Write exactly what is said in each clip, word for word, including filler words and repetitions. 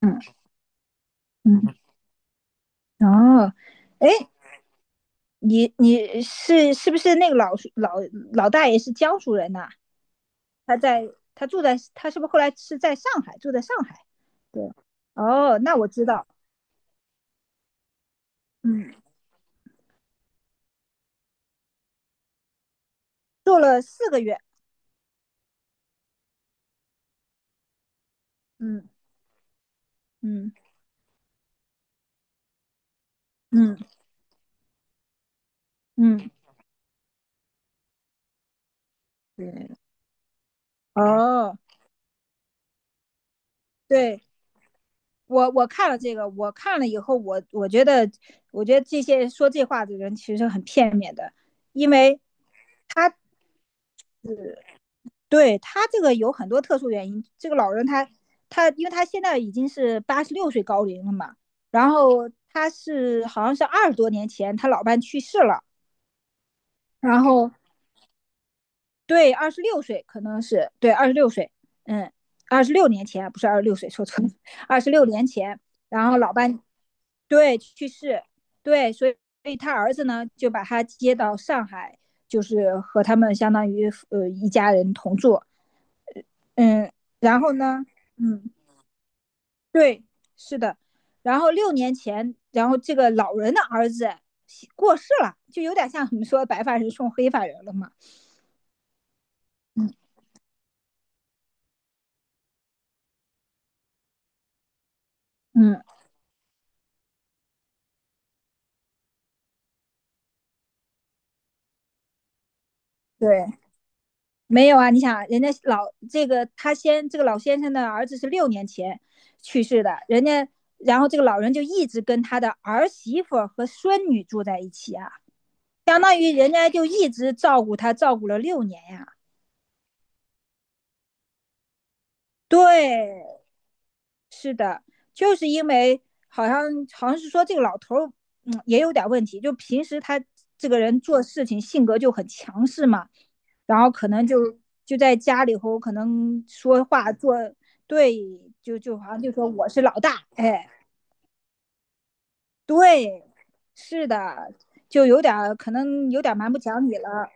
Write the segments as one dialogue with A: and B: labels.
A: 嗯嗯，嗯哦，哎，你你是是不是那个老叔老老大爷是江苏人呐？他在他住在他是不是后来是在上海住在上海？对，哦，那我知道。嗯，做了四个月。嗯嗯嗯嗯，对，哦，对，我我看了这个，我看了以后，我我觉得我觉得这些说这话的人其实很片面的。因为他，对，他这个有很多特殊原因。这个老人他，他，因为他现在已经是八十六岁高龄了嘛。然后他是好像是二十多年前他老伴去世了。然后，对，二十六岁，可能是，对，二十六岁。嗯，二十六年前，不是二十六岁，说错了，二十六年前。然后老伴，对，去世。对，所以所以他儿子呢就把他接到上海，就是和他们相当于呃一家人同住。嗯，然后呢，嗯。对，是的。然后六年前，然后这个老人的儿子过世了，就有点像你们说白发人送黑发人了嘛。嗯嗯，对，没有啊。你想，人家老这个他先这个老先生的儿子是六年前去世的。人家，然后这个老人就一直跟他的儿媳妇和孙女住在一起啊，相当于人家就一直照顾他，照顾了六年呀、啊。对，是的。就是因为好像好像是说这个老头儿，嗯，也有点问题。就平时他这个人做事情性格就很强势嘛。然后可能就就在家里头可能说话做对，就就好像就说我是老大。哎，对，是的，就有点儿可能有点儿蛮不讲理了。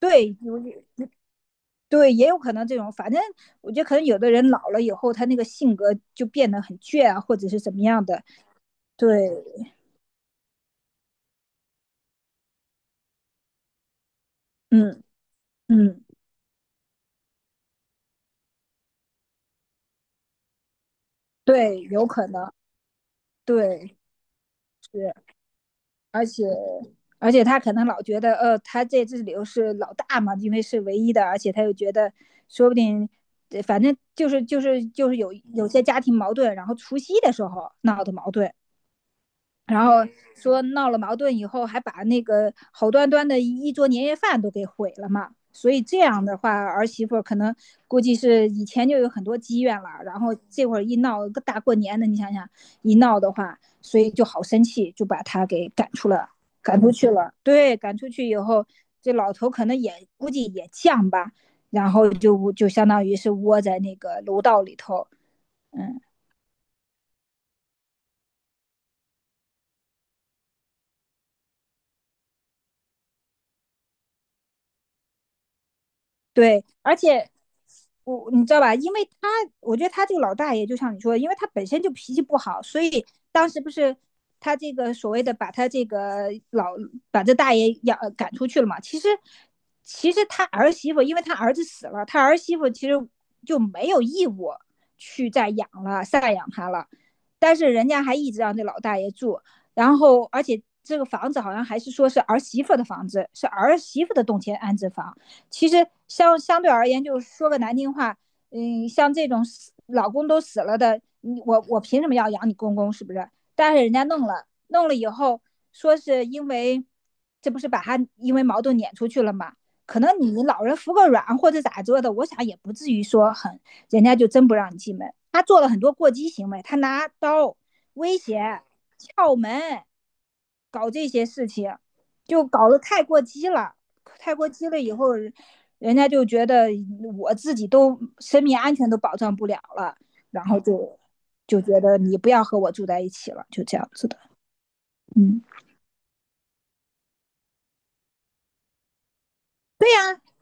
A: 对，有，对，也有可能这种。反正我觉得可能有的人老了以后，他那个性格就变得很倔啊，或者是怎么样的。对，嗯嗯，对，有可能。对，是，而且而且他可能老觉得，呃，他在这里头是老大嘛，因为是唯一的。而且他又觉得，说不定，呃反正就是就是就是有有些家庭矛盾。然后除夕的时候闹的矛盾。然后说闹了矛盾以后，还把那个好端端的一桌年夜饭都给毁了嘛。所以这样的话，儿媳妇可能估计是以前就有很多积怨了。然后这会儿一闹，个大过年的，你想想一闹的话，所以就好生气，就把她给赶出了，赶出去了。对，赶出去以后，这老头可能也估计也犟吧，然后就就相当于是窝在那个楼道里头。嗯。对，而且我，你知道吧，因为他，我觉得他这个老大爷，就像你说的，因为他本身就脾气不好。所以当时不是他这个所谓的把他这个老把这大爷养赶出去了嘛？其实，其实他儿媳妇，因为他儿子死了，他儿媳妇其实就没有义务去再养了、赡养他了。但是人家还一直让这老大爷住。然后而且这个房子好像还是说是儿媳妇的房子，是儿媳妇的动迁安置房。其实相相对而言，就是说个难听话。嗯，像这种死老公都死了的，你，我我凭什么要养你公公？是不是？但是人家弄了，弄了以后说是因为，这不是把他因为矛盾撵出去了吗？可能你老人服个软或者咋着的，我想也不至于说很，人家就真不让你进门。他做了很多过激行为，他拿刀威胁、撬门，搞这些事情，就搞得太过激了。太过激了以后，人家就觉得我自己都生命安全都保障不了了，然后就就觉得你不要和我住在一起了，就这样子的。嗯，啊，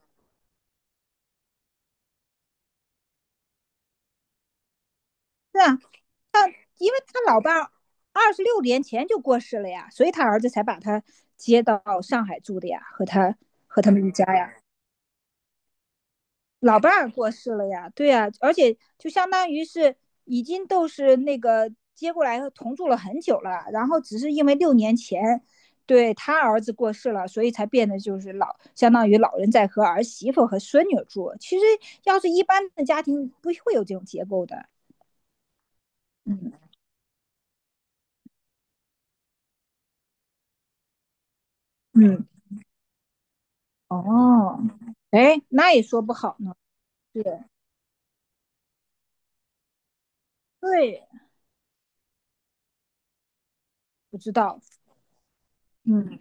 A: 是啊，因为他老伴二十六年前就过世了呀。所以他儿子才把他接到上海住的呀，和他和他们一家呀。老伴儿过世了呀。对呀、啊，而且就相当于是已经都是那个接过来同住了很久了。然后只是因为六年前，对，他儿子过世了，所以才变得就是老，相当于老人在和儿媳妇和孙女住。其实要是一般的家庭不会有这种结构的。嗯嗯，哦，哎，那也说不好呢。对对，不知道，嗯。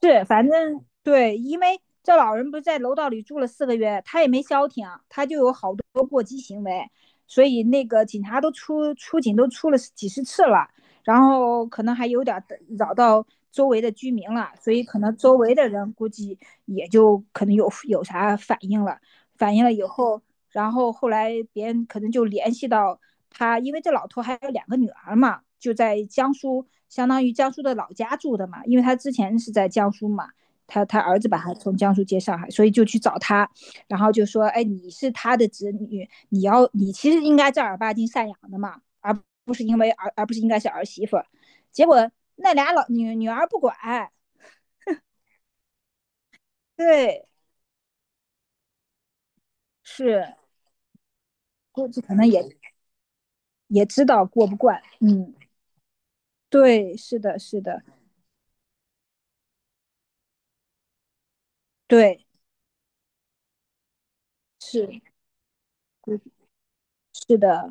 A: 是，反正对，因为这老人不是在楼道里住了四个月，他也没消停，他就有好多过激行为，所以那个警察都出出警都出了几十次了。然后可能还有点扰到周围的居民了，所以可能周围的人估计也就可能有有啥反应了。反应了以后，然后后来别人可能就联系到他，因为这老头还有两个女儿嘛，就在江苏，相当于江苏的老家住的嘛。因为他之前是在江苏嘛，他他儿子把他从江苏接上海，所以就去找他。然后就说，哎，你是他的子女，你要，你其实应该正儿八经赡养的嘛，而不是因为儿，而不是应该是儿媳妇。结果那俩老女女儿不管。对，是估计可能也也知道过不惯。嗯，对，是的，是的。对，是。是的，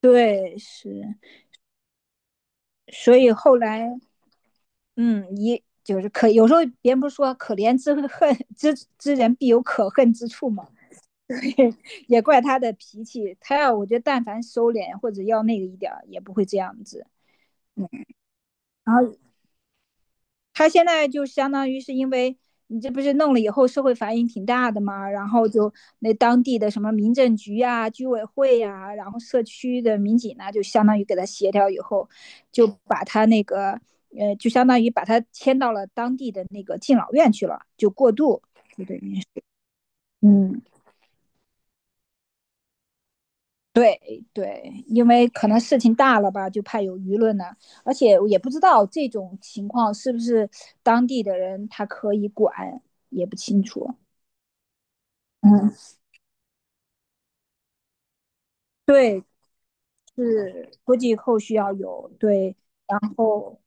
A: 对，是，所以后来，嗯，一就是可，有时候别人不是说，可怜之恨之之人必有可恨之处嘛，也怪他的脾气。他要，我觉得但凡收敛或者要那个一点儿，也不会这样子。嗯，然后他现在就相当于是因为你这不是弄了以后社会反应挺大的嘛，然后就那当地的什么民政局啊、居委会呀、然后社区的民警呢，就相当于给他协调以后，就把他那个呃，就相当于把他迁到了当地的那个敬老院去了，就过渡，就等。嗯。对对，因为可能事情大了吧，就怕有舆论呢、而且我也不知道这种情况是不是当地的人他可以管，也不清楚。嗯，对，是估计后续要有，对，然后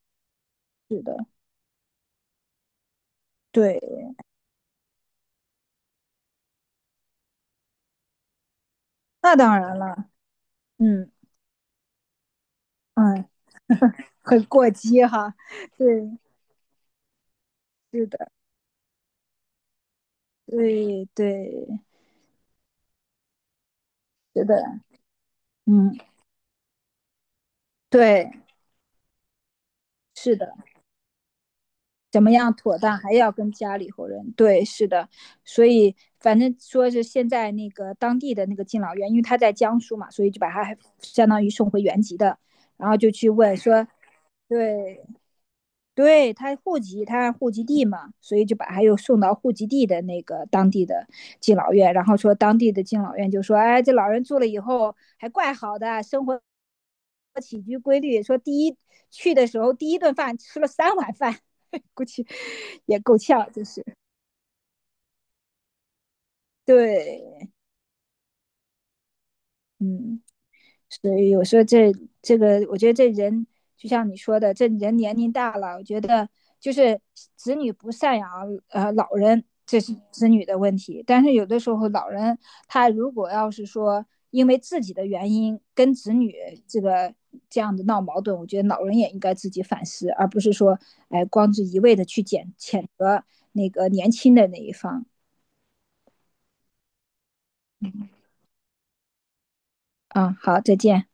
A: 是的，对，那当然了。嗯嗯，很过激哈，对，是的，对对，是的，嗯，对，是的，怎么样妥当，还要跟家里头人，对，是的。所以反正说是现在那个当地的那个敬老院，因为他在江苏嘛，所以就把他还相当于送回原籍的，然后就去问说，对，对他户籍，他户籍地嘛，所以就把他又送到户籍地的那个当地的敬老院。然后说当地的敬老院就说，哎，这老人住了以后还怪好的，生活起居规律。说第一去的时候第一顿饭吃了三碗饭。估计也够呛，就是对，嗯。所以有时候这这个，我觉得这人就像你说的，这人年龄大了，我觉得就是子女不赡养呃老人，这是子女的问题。但是有的时候老人他如果要是说因为自己的原因跟子女这个这样的闹矛盾，我觉得老人也应该自己反思，而不是说，哎，呃光是一味的去谴谴责那个年轻的那一方啊、嗯。好，再见。